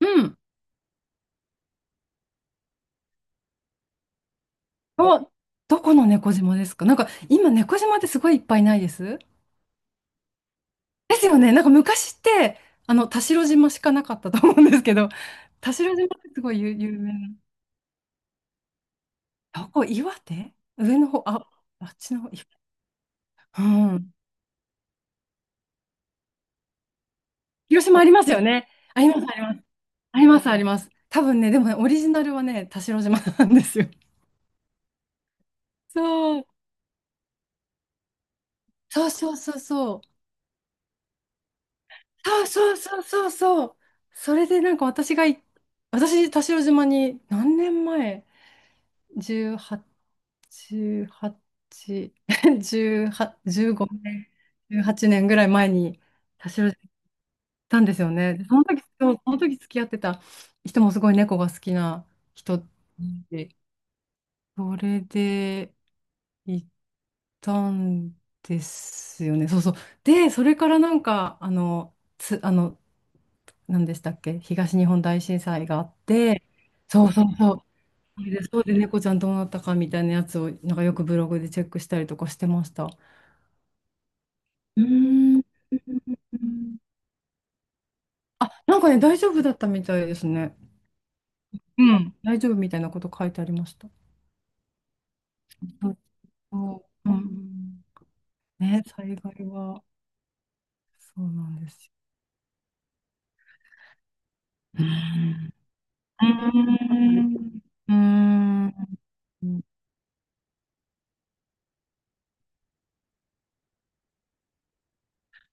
うん。お、どこの猫島ですか？なんか今猫島ってすごいいっぱいないです？ですよね。なんか昔ってあの田代島しかなかったと思うんですけど、田代島ってすごい有名な。どこ岩手上の方、あ、あっちの方、い、うん。広島ありますよね。ありますあります。ありますあります。多分ね、でもね、オリジナルはね、田代島なんですよ。そう。そうそうそうそう。そうそうそうそうそう。それでなんか私がい、私、田代島に何年前？ 18、18、18、15年、18年ぐらい前に田代島に行ったんですよね。でその時、そうその時付き合ってた人もすごい猫が好きな人で、それで行ったんですよね。そうそう。で、それからなんか、あの、何でしたっけ、東日本大震災があって、そうそうそう、それで、そうで猫ちゃんどうなったかみたいなやつを、なんかよくブログでチェックしたりとかしてました。うーん。あ、なんかね、大丈夫だったみたいですね。うん。大丈夫みたいなこと書いてありました。そうそう。うん。ね、災害は、そうなんですよ。うーん。うーん。うーん。うん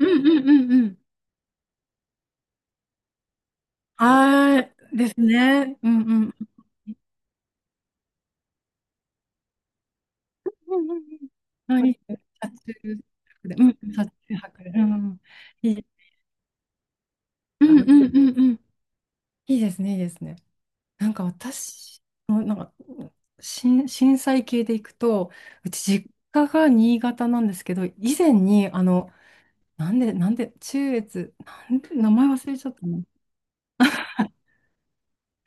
うんうんうん。はーい。ですね。うんうん。うんうんうん。あ、いいですね。車中泊で。うん、車中泊で。うん。いい。うんうんうんうん。いいですね、いいですね。なんか私も、なんか、震災系で行くと、うち実家が新潟なんですけど、以前に、あの、なんで、なんで、中越、なんで、名前忘れちゃったな。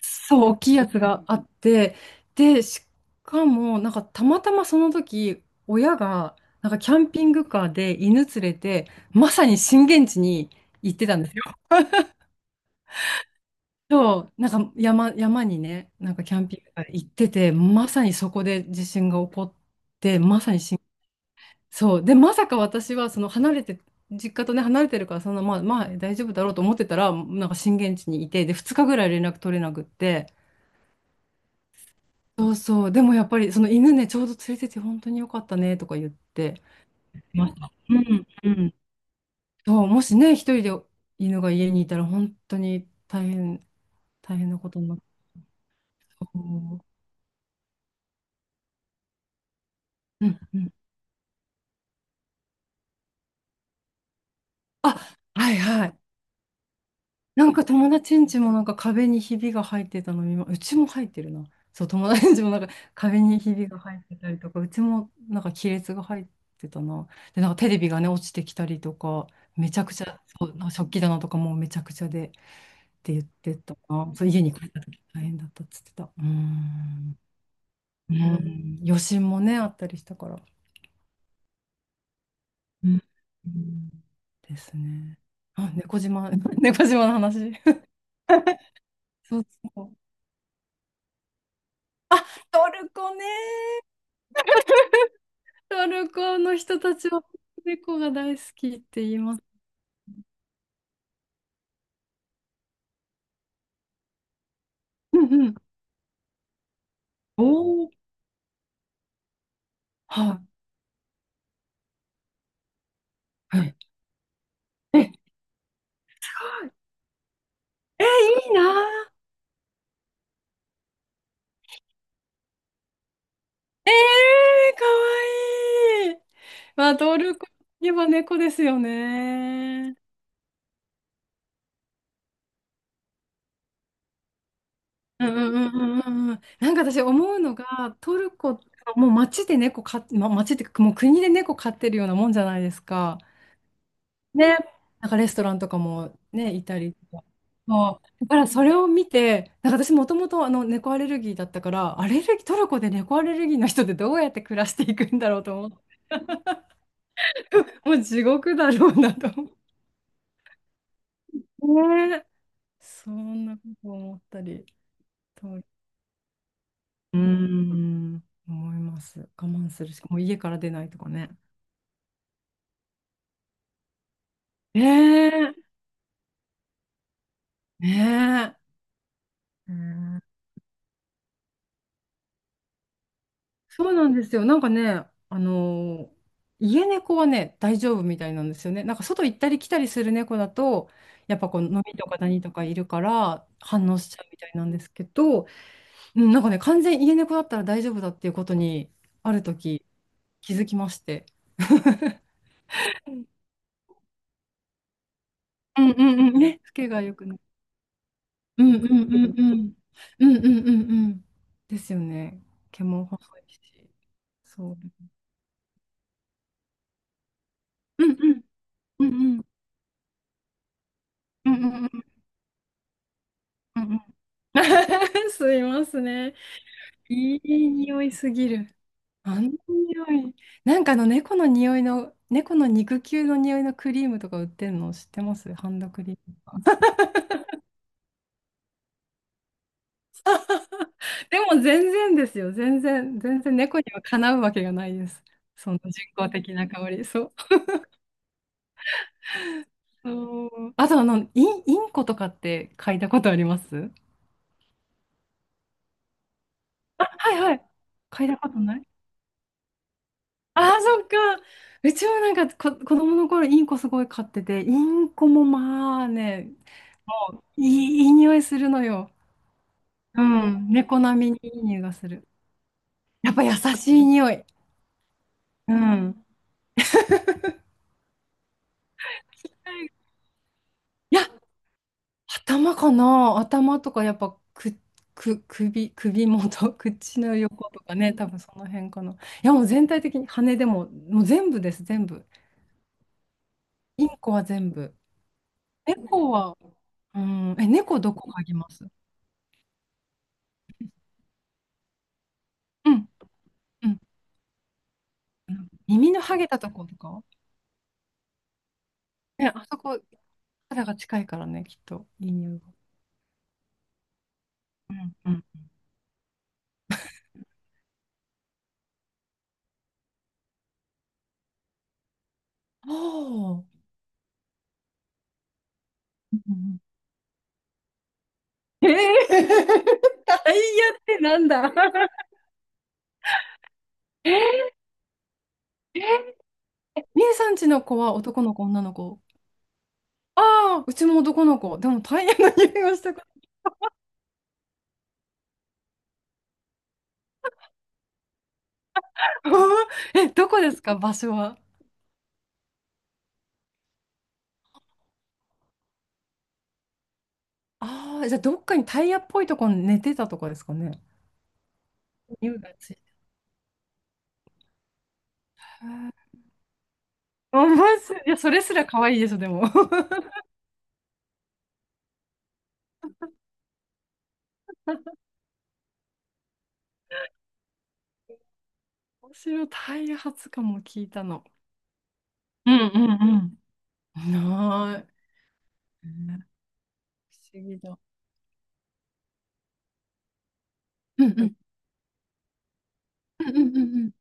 そう、大きいやつがあって、で、しかも、なんかたまたまその時、親が、なんかキャンピングカーで犬連れて、まさに震源地に行ってたんですよ。そう、なんか山にね、なんかキャンピングカーで行ってて、まさにそこで地震が起こって、そう、で、まさか私は、その離れて、実家とね、離れてるから、そんな、まあ、大丈夫だろうと思ってたら、なんか震源地にいて、で、2日ぐらい連絡取れなくって、そうそう。でもやっぱり、その犬ね、ちょうど連れてて本当に良かったねとか言ってました。うん、うん。そう、もしね、一人で犬が家にいたら本当に大変なことになって。そう、うんうん。あ、はいはい。なんか友達ん家もなんか壁にひびが入ってたの、今うちも入ってるな。そう、友達ん家もなんか壁にひびが入ってたりとか、うちもなんか亀裂が入ってたな。で、なんかテレビがね、落ちてきたりとか、めちゃくちゃ、そう、なんか食器棚とかもうめちゃくちゃでって言ってたな。そう、家に帰った時大変だったっつってた。うーん。うん。余震もね、あったりしたから。うん。うんですね。あ、猫島、猫島の話。そうそう。トルコね。トルコの人たちは猫が大好きって言います。うんうん。おお、はい、はい。え、え、いいな、ええー、かわいい。まあ、トルコといえば猫ですよね。うんうんうんうんうんうん。なんか私思うのが、トルコ、もう街で猫飼って、ま、街っていうかもう国で猫飼ってるようなもんじゃないですか。ね、なんかレストランとかもね、いたりとか。そう。だからそれを見て、なんか私もともとあの猫アレルギーだったから、アレルギー、トルコで猫アレルギーの人ってどうやって暮らしていくんだろうと思って、もう地獄だろうなと思って。ねえ。そんなこと思ったり、とうーん、思います。我慢するしか、もう家から出ないとかね。ねえ。ねえ。うーん、そうなんですよ。なんかね、あのー、家猫はね、大丈夫みたいなんですよね。なんか外行ったり来たりする猫だと、やっぱこう、飲みとか何とかいるから反応しちゃうみたいなんですけど、うん、なんかね、完全家猫だったら大丈夫だっていうことに、ある時気づきまして。うんうんうん。ね、つけがよくね。うんうんうんうん。うんうんうんうん。ですよね。毛も細いし。そう。うんうん。うんうん。うんうんうんうんうん。 吸いますね。いい匂いすぎる。あの匂い。なんかあの猫の匂いの、猫の肉球の匂いのクリームとか売ってんの知ってます？ハンドクリームとか。でも全然ですよ。全然、全然猫にはかなうわけがないです。その人工的な香り。そう。そうあとあの、インコとかって嗅いだことあります？はいはい。嗅いだことない？ああ、そっか。うちはなんか子供の頃インコすごい飼ってて、インコもまあね、いい匂いするのよ。うん。猫並みにいい匂いがする。やっぱ優しい匂い。うん。いや、頭かな。頭とかやっぱく、首元、口の横とかね、多分その辺かな。いや、もう全体的に羽でも、もう全部です。インコは全部。猫は、うん、え、猫どこ嗅ぎます？うん。うんうん、耳の剥げたとことかね、あそこ、肌が近いからね、きっと、いい匂いが。うんうん。おお。うんうん、えー、タイヤってなんだ？ えー、みえさんちの子は男の子、女の子？ああ、うちも男の子。でもタイヤの匂いがしたか。ら。え、どこですか、場所は。ああ、じゃあどっかにタイヤっぽいとこに寝てたとかですかね。匂いがついた。へー面白い。いや、それすら可愛いでしょ、でも。面白い。タイヤ初かも聞いたの。うんうんうん。ない。うん、不思議だ。うんうんうんうんうんうん、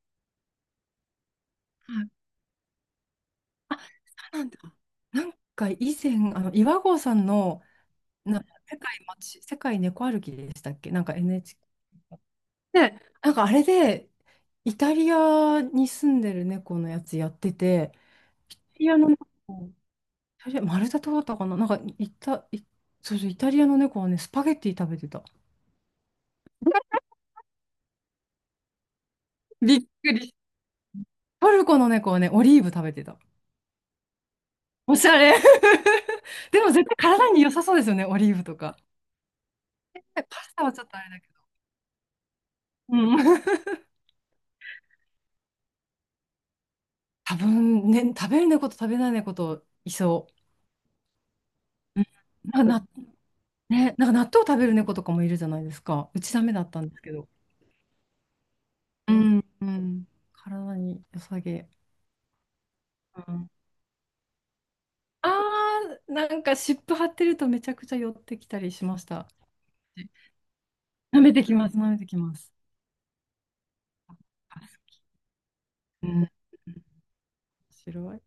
はい。あ、そうなんだ。なんか以前、あの岩合さんのな世界街、世界猫歩きでしたっけ、なんか NHK で、なんかあれで、イタリアに住んでる猫のやつやってて、イタリアの猫、イタリア、マルタ島だったかな、なんかイタ、イ、そうそう、イタリアの猫はね、スパゲッティ食べてた。びっくり。トルコの猫はね、オリーブ食べてた。おしゃれ。でも絶対体に良さそうですよね、オリーブとか。パスタはちょっとあれだけど。うん。多分ね、食べる猫と食べない猫といそう。うん、なんかな、ね、なんか納豆食べる猫とかもいるじゃないですか。うちダメだったんですけど。うん。うん、体に良さげ。うん、あー、なんか湿布貼ってるとめちゃくちゃ寄ってきたりしました。舐めてきます、舐めてきます。あ好き、うん、面白い。